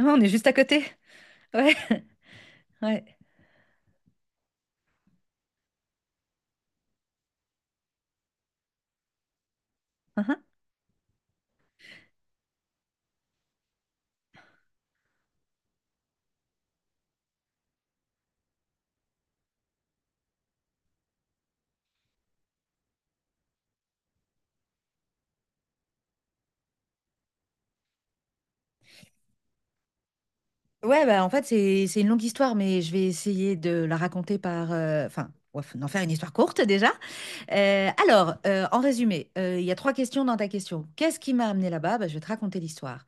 Ouais, on est juste à côté. Ouais, ouais. Uhum. Ouais, bah, en fait, c'est une longue histoire, mais je vais essayer de la raconter Enfin, ouais, d'en faire une histoire courte déjà. En résumé, il y a trois questions dans ta question. Qu'est-ce qui m'a amené là-bas? Bah, je vais te raconter l'histoire.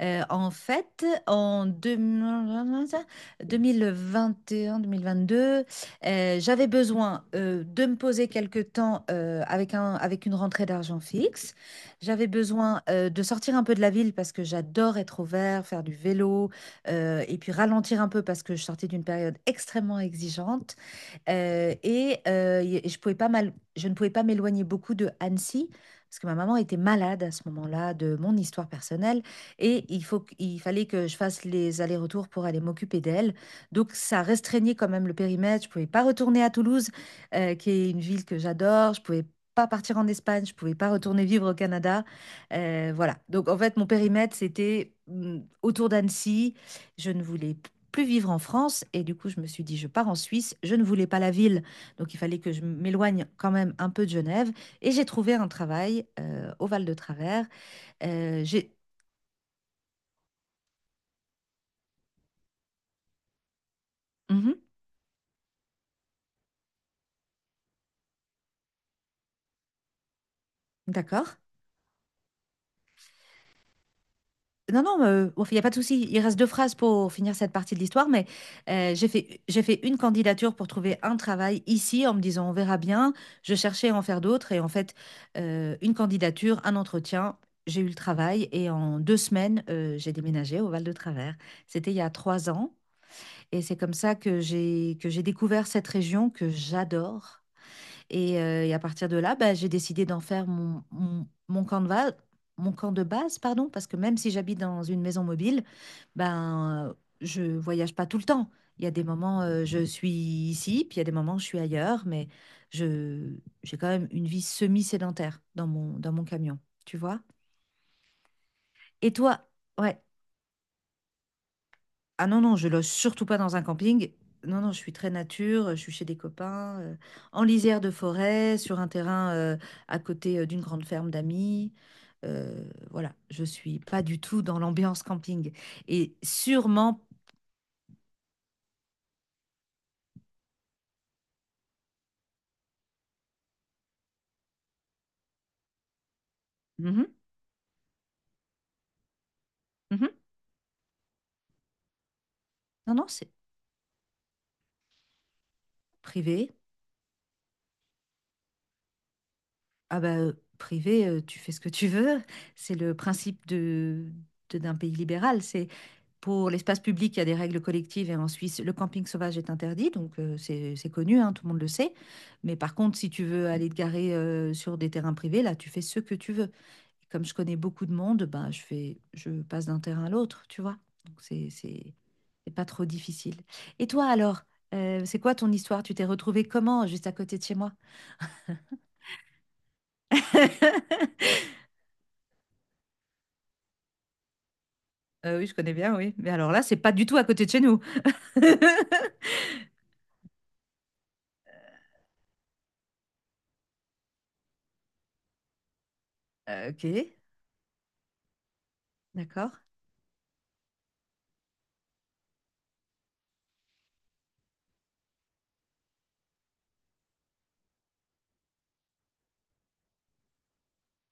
En fait, en 2021-2022, j'avais besoin de me poser quelque temps avec avec une rentrée d'argent fixe. J'avais besoin de sortir un peu de la ville parce que j'adore être au vert, faire du vélo. Et puis ralentir un peu parce que je sortais d'une période extrêmement exigeante, et je pouvais pas mal, je ne pouvais pas m'éloigner beaucoup de Annecy parce que ma maman était malade à ce moment-là de mon histoire personnelle et il fallait que je fasse les allers-retours pour aller m'occuper d'elle. Donc ça restreignait quand même le périmètre. Je pouvais pas retourner à Toulouse, qui est une ville que j'adore. Je pouvais pas partir en Espagne. Je pouvais pas retourner vivre au Canada. Voilà. Donc en fait, mon périmètre, c'était autour d'Annecy. Je ne voulais plus vivre en France. Et du coup, je me suis dit, je pars en Suisse. Je ne voulais pas la ville, donc il fallait que je m'éloigne quand même un peu de Genève. Et j'ai trouvé un travail au Val de Travers. Euh, j'ai... Mhm, d'accord. Non, non, enfin, il n'y a pas de souci. Il reste deux phrases pour finir cette partie de l'histoire, mais j'ai fait une candidature pour trouver un travail ici en me disant on verra bien. Je cherchais à en faire d'autres et en fait, une candidature, un entretien, j'ai eu le travail et en deux semaines, j'ai déménagé au Val-de-Travers. C'était il y a trois ans et c'est comme ça que j'ai découvert cette région que j'adore. Et à partir de là, bah, j'ai décidé d'en faire mon mon camp de base, pardon, parce que même si j'habite dans une maison mobile, ben, euh, je voyage pas tout le temps. Il y a des moments, je suis ici, puis il y a des moments, je suis ailleurs, mais je, j'ai quand même une vie semi-sédentaire dans dans mon camion, tu vois? Et toi? Ouais. Ah non, non, je loge surtout pas dans un camping. Non, non, je suis très nature, je suis chez des copains, en lisière de forêt, sur un terrain à côté d'une grande ferme d'amis. Voilà, je suis pas du tout dans l'ambiance camping. Et sûrement... Mhm, mhm. Non, non, c'est privé. Ah bah, privé, tu fais ce que tu veux. C'est le principe d'un pays libéral. C'est... Pour l'espace public, il y a des règles collectives et en Suisse, le camping sauvage est interdit, donc c'est connu, hein, tout le monde le sait. Mais par contre, si tu veux aller te garer sur des terrains privés, là, tu fais ce que tu veux. Comme je connais beaucoup de monde, ben, je passe d'un terrain à l'autre, tu vois. Donc c'est pas trop difficile. Et toi alors, c'est quoi ton histoire? Tu t'es retrouvée comment, juste à côté de chez moi? Oui, je connais bien, oui. Mais alors là, c'est pas du tout à côté de chez nous. Ok, d'accord,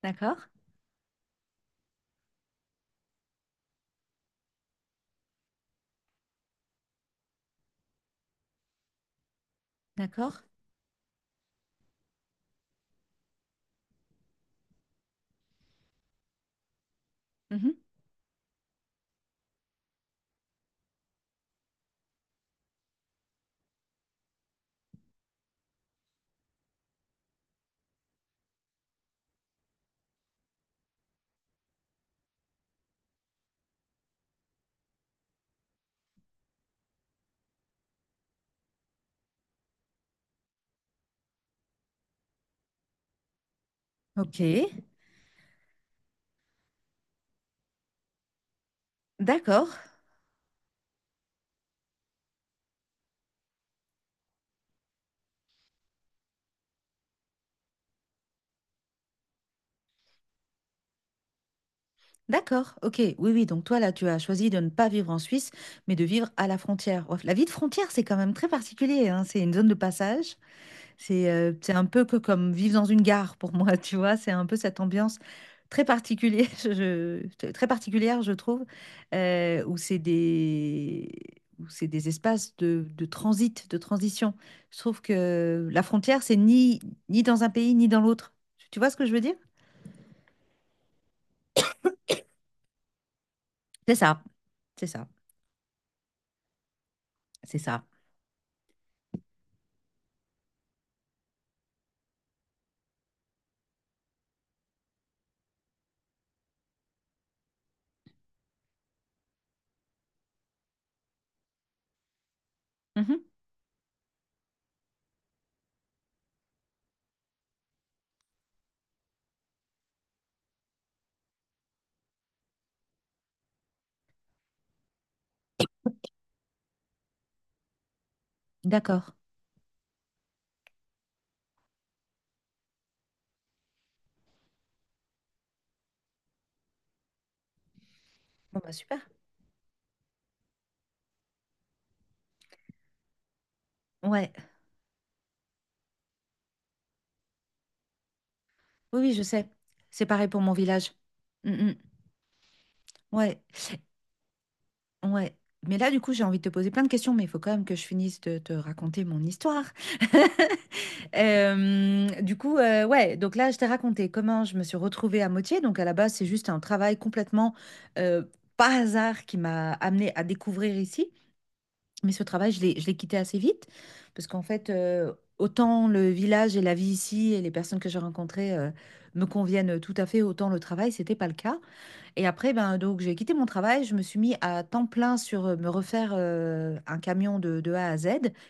d'accord. D'accord. Mhm. Ok. D'accord. D'accord. Ok. Oui, oui. Donc toi, là, tu as choisi de ne pas vivre en Suisse, mais de vivre à la frontière. Ouais, la vie de frontière, c'est quand même très particulier, hein. C'est une zone de passage. C'est un peu que comme vivre dans une gare pour moi, tu vois. C'est un peu cette ambiance très particulière, très particulière, je trouve, euh, où c'est des... où c'est des espaces de transit, de transition. Je trouve que la frontière, c'est ni dans un pays, ni dans l'autre. Tu vois ce que je veux dire? C'est ça, c'est ça, c'est ça. Mhm. D'accord. Bon, bah super. Ouais, oui, oui, je sais. C'est pareil pour mon village. Mm, mm. Ouais, ouais. Mais là, du coup, j'ai envie de te poser plein de questions, mais il faut quand même que je finisse de te raconter mon histoire. Du coup, donc là, je t'ai raconté comment je me suis retrouvée à Moitié. Donc, à la base, c'est juste un travail complètement euh, par hasard qui m'a amenée à découvrir ici. Mais ce travail, je l'ai quitté assez vite parce qu'en fait, autant le village et la vie ici et les personnes que j'ai rencontrées me conviennent tout à fait, autant le travail, c'était pas le cas. Et après, ben, donc, j'ai quitté mon travail. Je me suis mis à temps plein sur me refaire un camion de A à Z,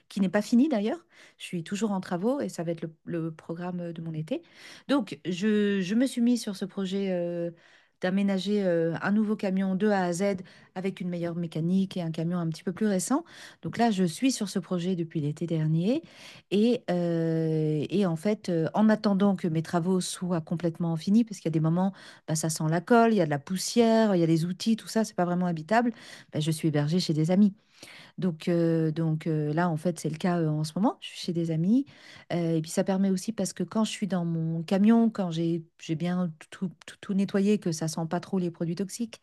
qui n'est pas fini d'ailleurs. Je suis toujours en travaux et ça va être le programme de mon été. Donc, je me suis mis sur ce projet d'aménager un nouveau camion de A à Z avec une meilleure mécanique et un camion un petit peu plus récent. Donc là, je suis sur ce projet depuis l'été dernier. Et en fait, en attendant que mes travaux soient complètement finis, parce qu'il y a des moments bah, ça sent la colle, il y a de la poussière, il y a des outils, tout ça, c'est pas vraiment habitable. Bah, je suis hébergée chez des amis. Donc là, en fait, c'est le cas en ce moment. Je suis chez des amis. Et puis, ça permet aussi parce que quand je suis dans mon camion, quand j'ai bien tout nettoyé, que ça sent pas trop les produits toxiques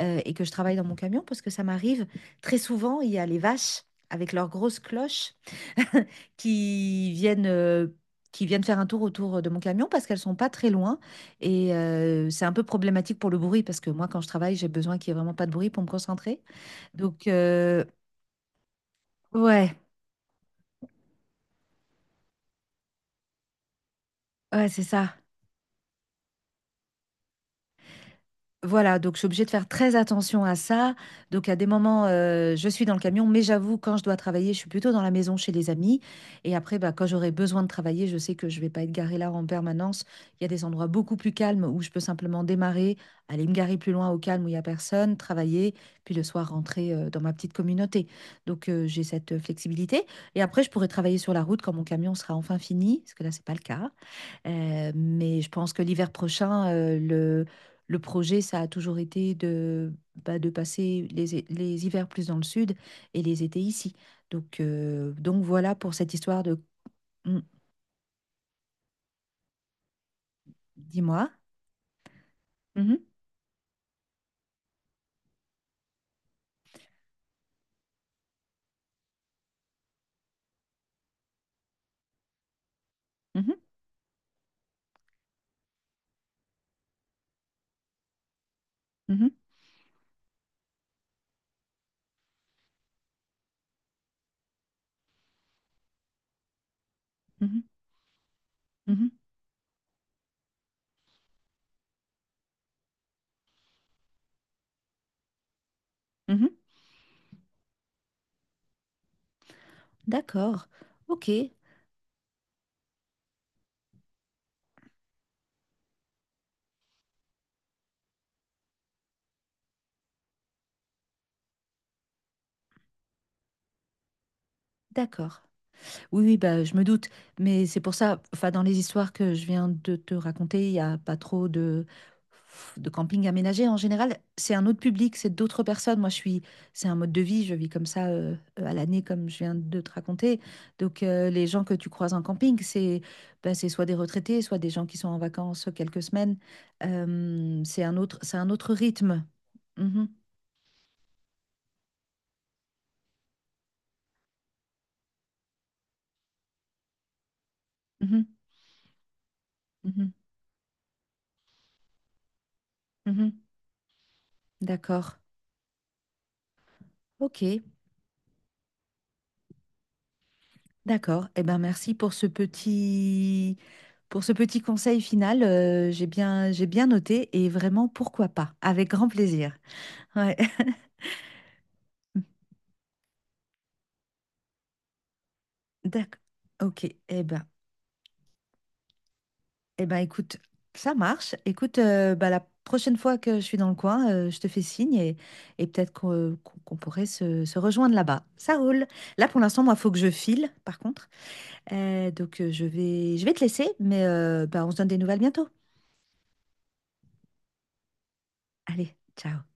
et que je travaille dans mon camion, parce que ça m'arrive très souvent, il y a les vaches avec leurs grosses cloches qui qui viennent faire un tour autour de mon camion parce qu'elles sont pas très loin. Et c'est un peu problématique pour le bruit parce que moi, quand je travaille, j'ai besoin qu'il n'y ait vraiment pas de bruit pour me concentrer. Donc, ouais, ouais, c'est ça. Voilà, donc je suis obligée de faire très attention à ça. Donc à des moments, je suis dans le camion, mais j'avoue, quand je dois travailler, je suis plutôt dans la maison chez les amis. Et après, bah, quand j'aurai besoin de travailler, je sais que je vais pas être garée là en permanence. Il y a des endroits beaucoup plus calmes où je peux simplement démarrer, aller me garer plus loin au calme où il y a personne, travailler, puis le soir rentrer dans ma petite communauté. Donc j'ai cette flexibilité. Et après, je pourrai travailler sur la route quand mon camion sera enfin fini, parce que là, c'est pas le cas. Mais je pense que l'hiver prochain, le projet, ça a toujours été de, bah, de passer les hivers plus dans le sud et les étés ici. Donc voilà pour cette histoire de... Hmm, dis-moi. Mhm, mhm, mhm, mhm, mhm, mhm. D'accord. Ok, d'accord. Oui, oui, bah, je me doute, mais c'est pour ça, enfin, dans les histoires que je viens de te raconter, il n'y a pas trop de camping aménagé. En général, c'est un autre public, c'est d'autres personnes. Moi, c'est un mode de vie, je vis comme ça à l'année, comme je viens de te raconter. Donc, les gens que tu croises en camping, c'est bah, c'est soit des retraités, soit des gens qui sont en vacances quelques semaines. C'est un autre rythme. Mhm, mhm, mhm, mhm. D'accord. Ok. D'accord. Eh ben, merci pour ce petit conseil final. J'ai bien noté et vraiment, pourquoi pas? Avec grand plaisir. Ouais. D'accord. Ok. Eh ben, écoute, ça marche. Écoute, la prochaine fois que je suis dans le coin, je te fais signe et peut-être qu'on pourrait se rejoindre là-bas. Ça roule. Là, pour l'instant, moi, faut que je file, par contre. Donc je vais te laisser, mais bah, on se donne des nouvelles bientôt. Allez, ciao.